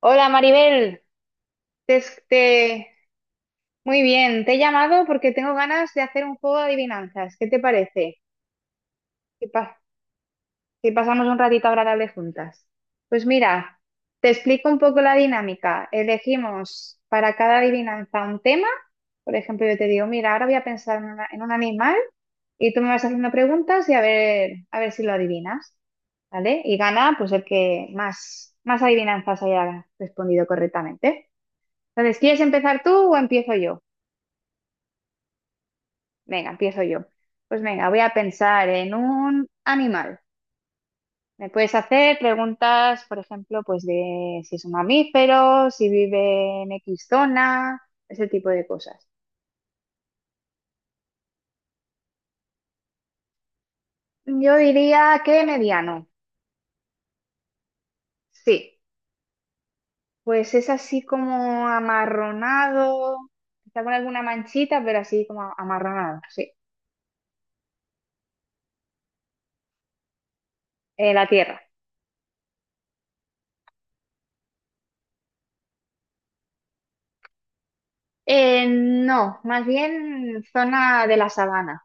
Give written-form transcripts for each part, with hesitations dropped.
Hola Maribel, te, te- muy bien, te he llamado porque tengo ganas de hacer un juego de adivinanzas. ¿Qué te parece? Que, pa- que pasamos un ratito agradable juntas. Pues mira, te explico un poco la dinámica. Elegimos para cada adivinanza un tema. Por ejemplo, yo te digo, mira, ahora voy a pensar en un animal y tú me vas haciendo preguntas y a ver si lo adivinas, ¿vale? Y gana pues el que más adivinanzas haya respondido correctamente. Entonces, ¿quieres empezar tú o empiezo yo? Venga, empiezo yo. Pues venga, voy a pensar en un animal. Me puedes hacer preguntas, por ejemplo, pues de si es un mamífero, si vive en X zona, ese tipo de cosas. Yo diría que mediano. Sí, pues es así como amarronado, está con alguna manchita, pero así como amarronado, sí. La tierra. No, más bien zona de la sabana.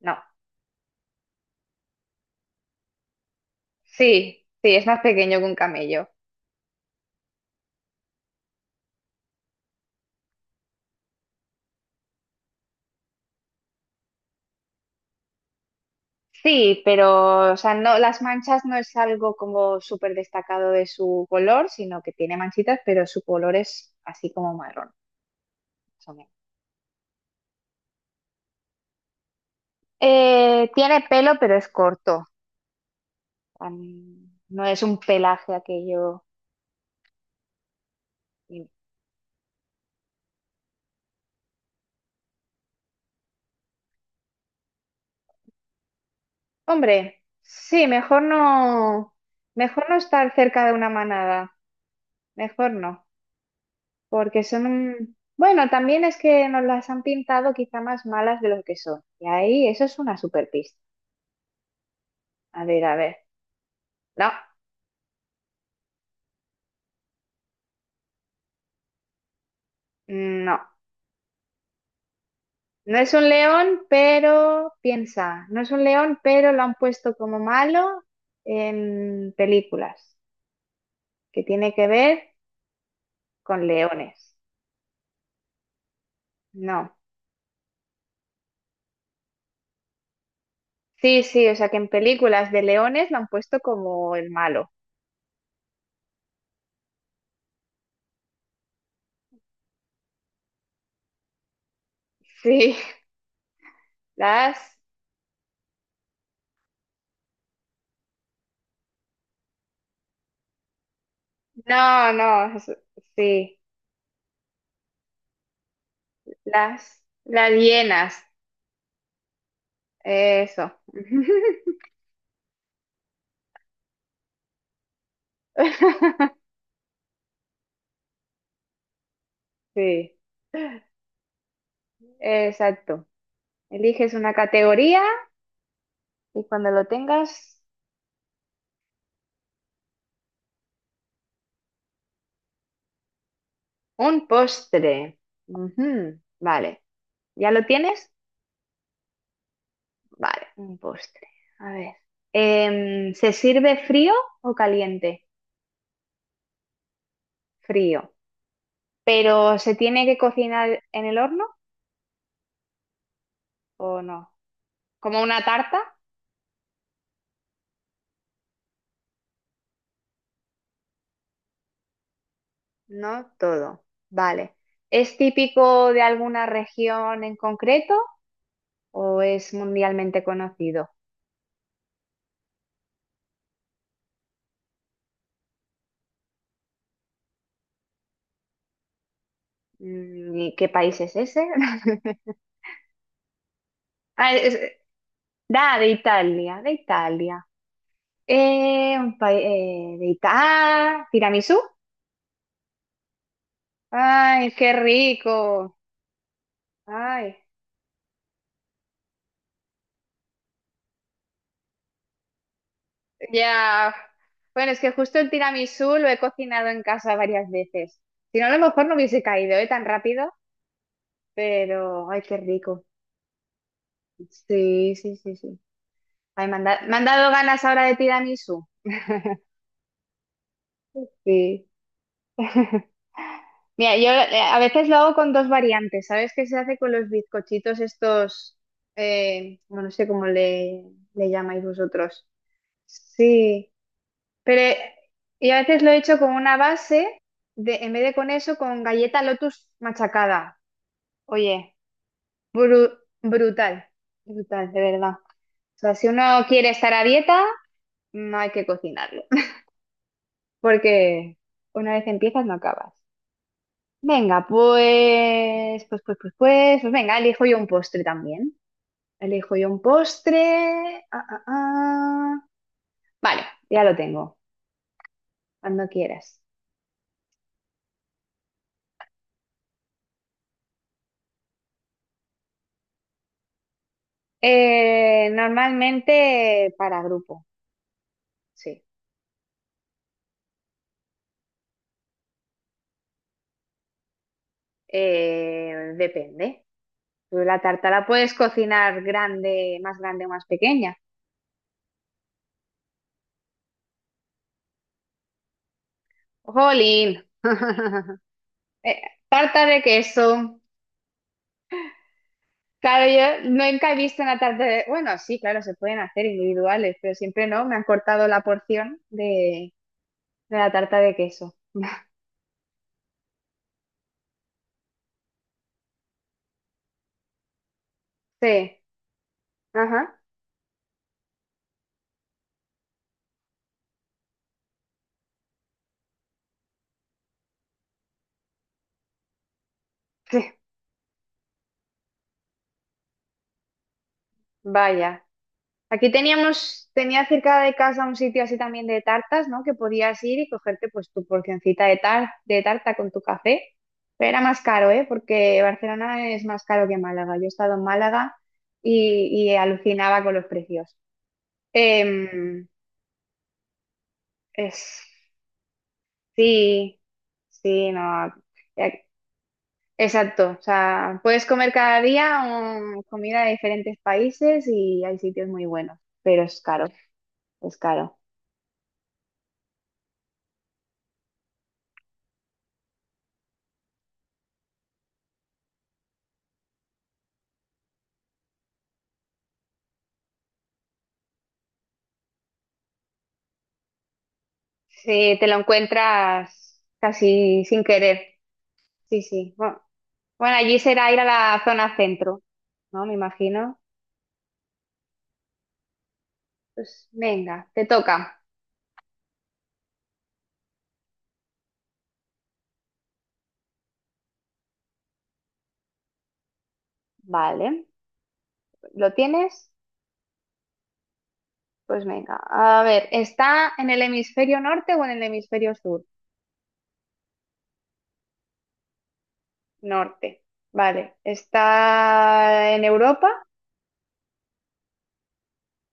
No. Sí, sí, es más pequeño que un camello. Sí, pero o sea, no, las manchas no es algo como súper destacado de su color, sino que tiene manchitas, pero su color es así como marrón, más o menos. Tiene pelo, pero es corto. No es un pelaje aquello. Hombre, sí, mejor no estar cerca de una manada. Mejor no. Porque son, bueno, también es que nos las han pintado quizá más malas de lo que son. Y ahí eso es una super pista. A ver, a ver. No, no. No es un león, pero piensa, no es un león, pero lo han puesto como malo en películas, que tiene que ver con leones. No. Sí, sí, o sea que en películas de leones lo han puesto como el malo. Sí, las... No, no, sí, las... Las hienas. Eso. Sí, exacto. Eliges una categoría y cuando lo tengas, un postre. Ujú, vale. ¿Ya lo tienes? Vale, un postre. A ver. ¿Se sirve frío o caliente? Frío. ¿Pero se tiene que cocinar en el horno o no? ¿Como una tarta? No, todo. Vale. ¿Es típico de alguna región en concreto ¿O es mundialmente conocido? Mm, ¿y qué país es ese? Ah, es- Da, de Italia, de Italia. Un país de Italia. Ah, tiramisú. Ay, qué rico. Ay, ya. Bueno, es que justo el tiramisú lo he cocinado en casa varias veces. Si no, a lo mejor no hubiese caído, ¿eh? Tan rápido, pero ay, qué rico. Sí, sí, sí, sí. Ay, me han dado ganas ahora de tiramisú. Sí. Mira, yo a veces lo hago con dos variantes. ¿Sabes qué se hace con los bizcochitos estos? Bueno, no sé le llamáis vosotros. Sí, pero y a veces lo he hecho con una base, de, en vez de con eso, con galleta Lotus machacada. Oye, brutal, brutal, de verdad. O sea, si uno quiere estar a dieta, no hay que cocinarlo, porque una vez empiezas no acabas. Venga, pues venga, elijo yo un postre también. Elijo yo un postre. Ah, ah, ah. Vale, ya lo tengo, cuando quieras. Normalmente para grupo, sí. Depende. Tú la tarta la puedes cocinar grande, más grande o más pequeña. ¡Jolín! Eh, Tarta de queso. Claro, yo nunca he visto una tarta de... Bueno, sí, claro, se pueden hacer individuales, pero siempre no, me han cortado de la tarta de queso. Sí, ajá, sí, vaya. Aquí teníamos, tenía cerca de casa un sitio así también de tartas, ¿no? Que podías ir y cogerte pues tu porcioncita de tarta con tu café, pero era más caro, ¿eh? Porque Barcelona es más caro que Málaga. Yo he estado en Málaga y alucinaba con los precios. Em, es Sí, sí, no. ya- Exacto. O sea, puedes comer cada día comida de diferentes países y hay sitios muy buenos, pero es caro, es caro. Sí, te lo encuentras casi sin querer. Sí, sí. Bueno, bueno, allí será ir a la zona centro, ¿no? Me imagino. Pues venga, te toca. Vale. ¿Lo tienes? Pues venga. A ver, ¿está en el hemisferio norte o en el hemisferio sur? Norte. Vale. ¿Está en Europa?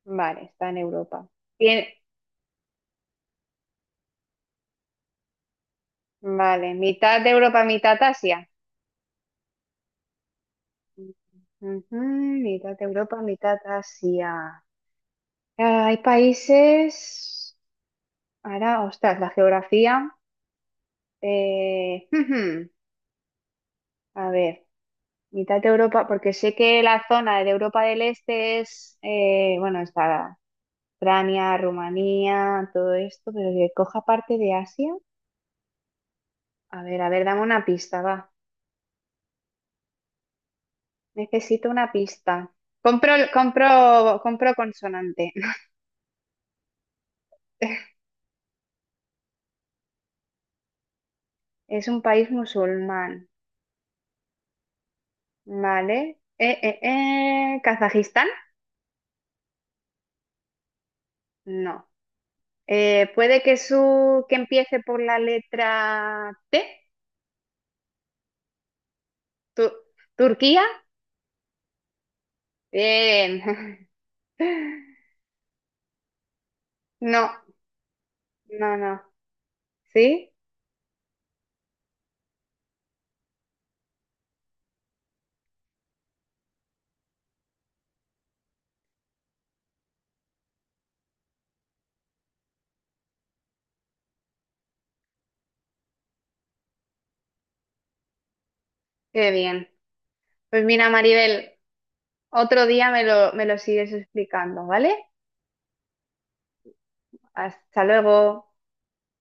Vale, está en Europa. Tiene- Vale. ¿Mitad de Europa, mitad Asia? Ujú, mitad de Europa, mitad Asia. Ah, hay países. Ahora, ostras, la geografía. Ujú. A ver, mitad de Europa, porque sé que la zona de Europa del Este es, bueno, está Ucrania, Rumanía, todo esto, pero que coja parte de Asia. A ver, dame una pista, va. Necesito una pista. Compro, compro, compro consonante. Es un país musulmán, ¿vale? ¿Kazajistán? No. Puede que su que empiece por la letra T. Tu- ¿Turquía? Bien. No, no, no. ¿Sí? Qué bien. Pues mira, Maribel, otro día me lo sigues explicando, ¿vale? Hasta luego.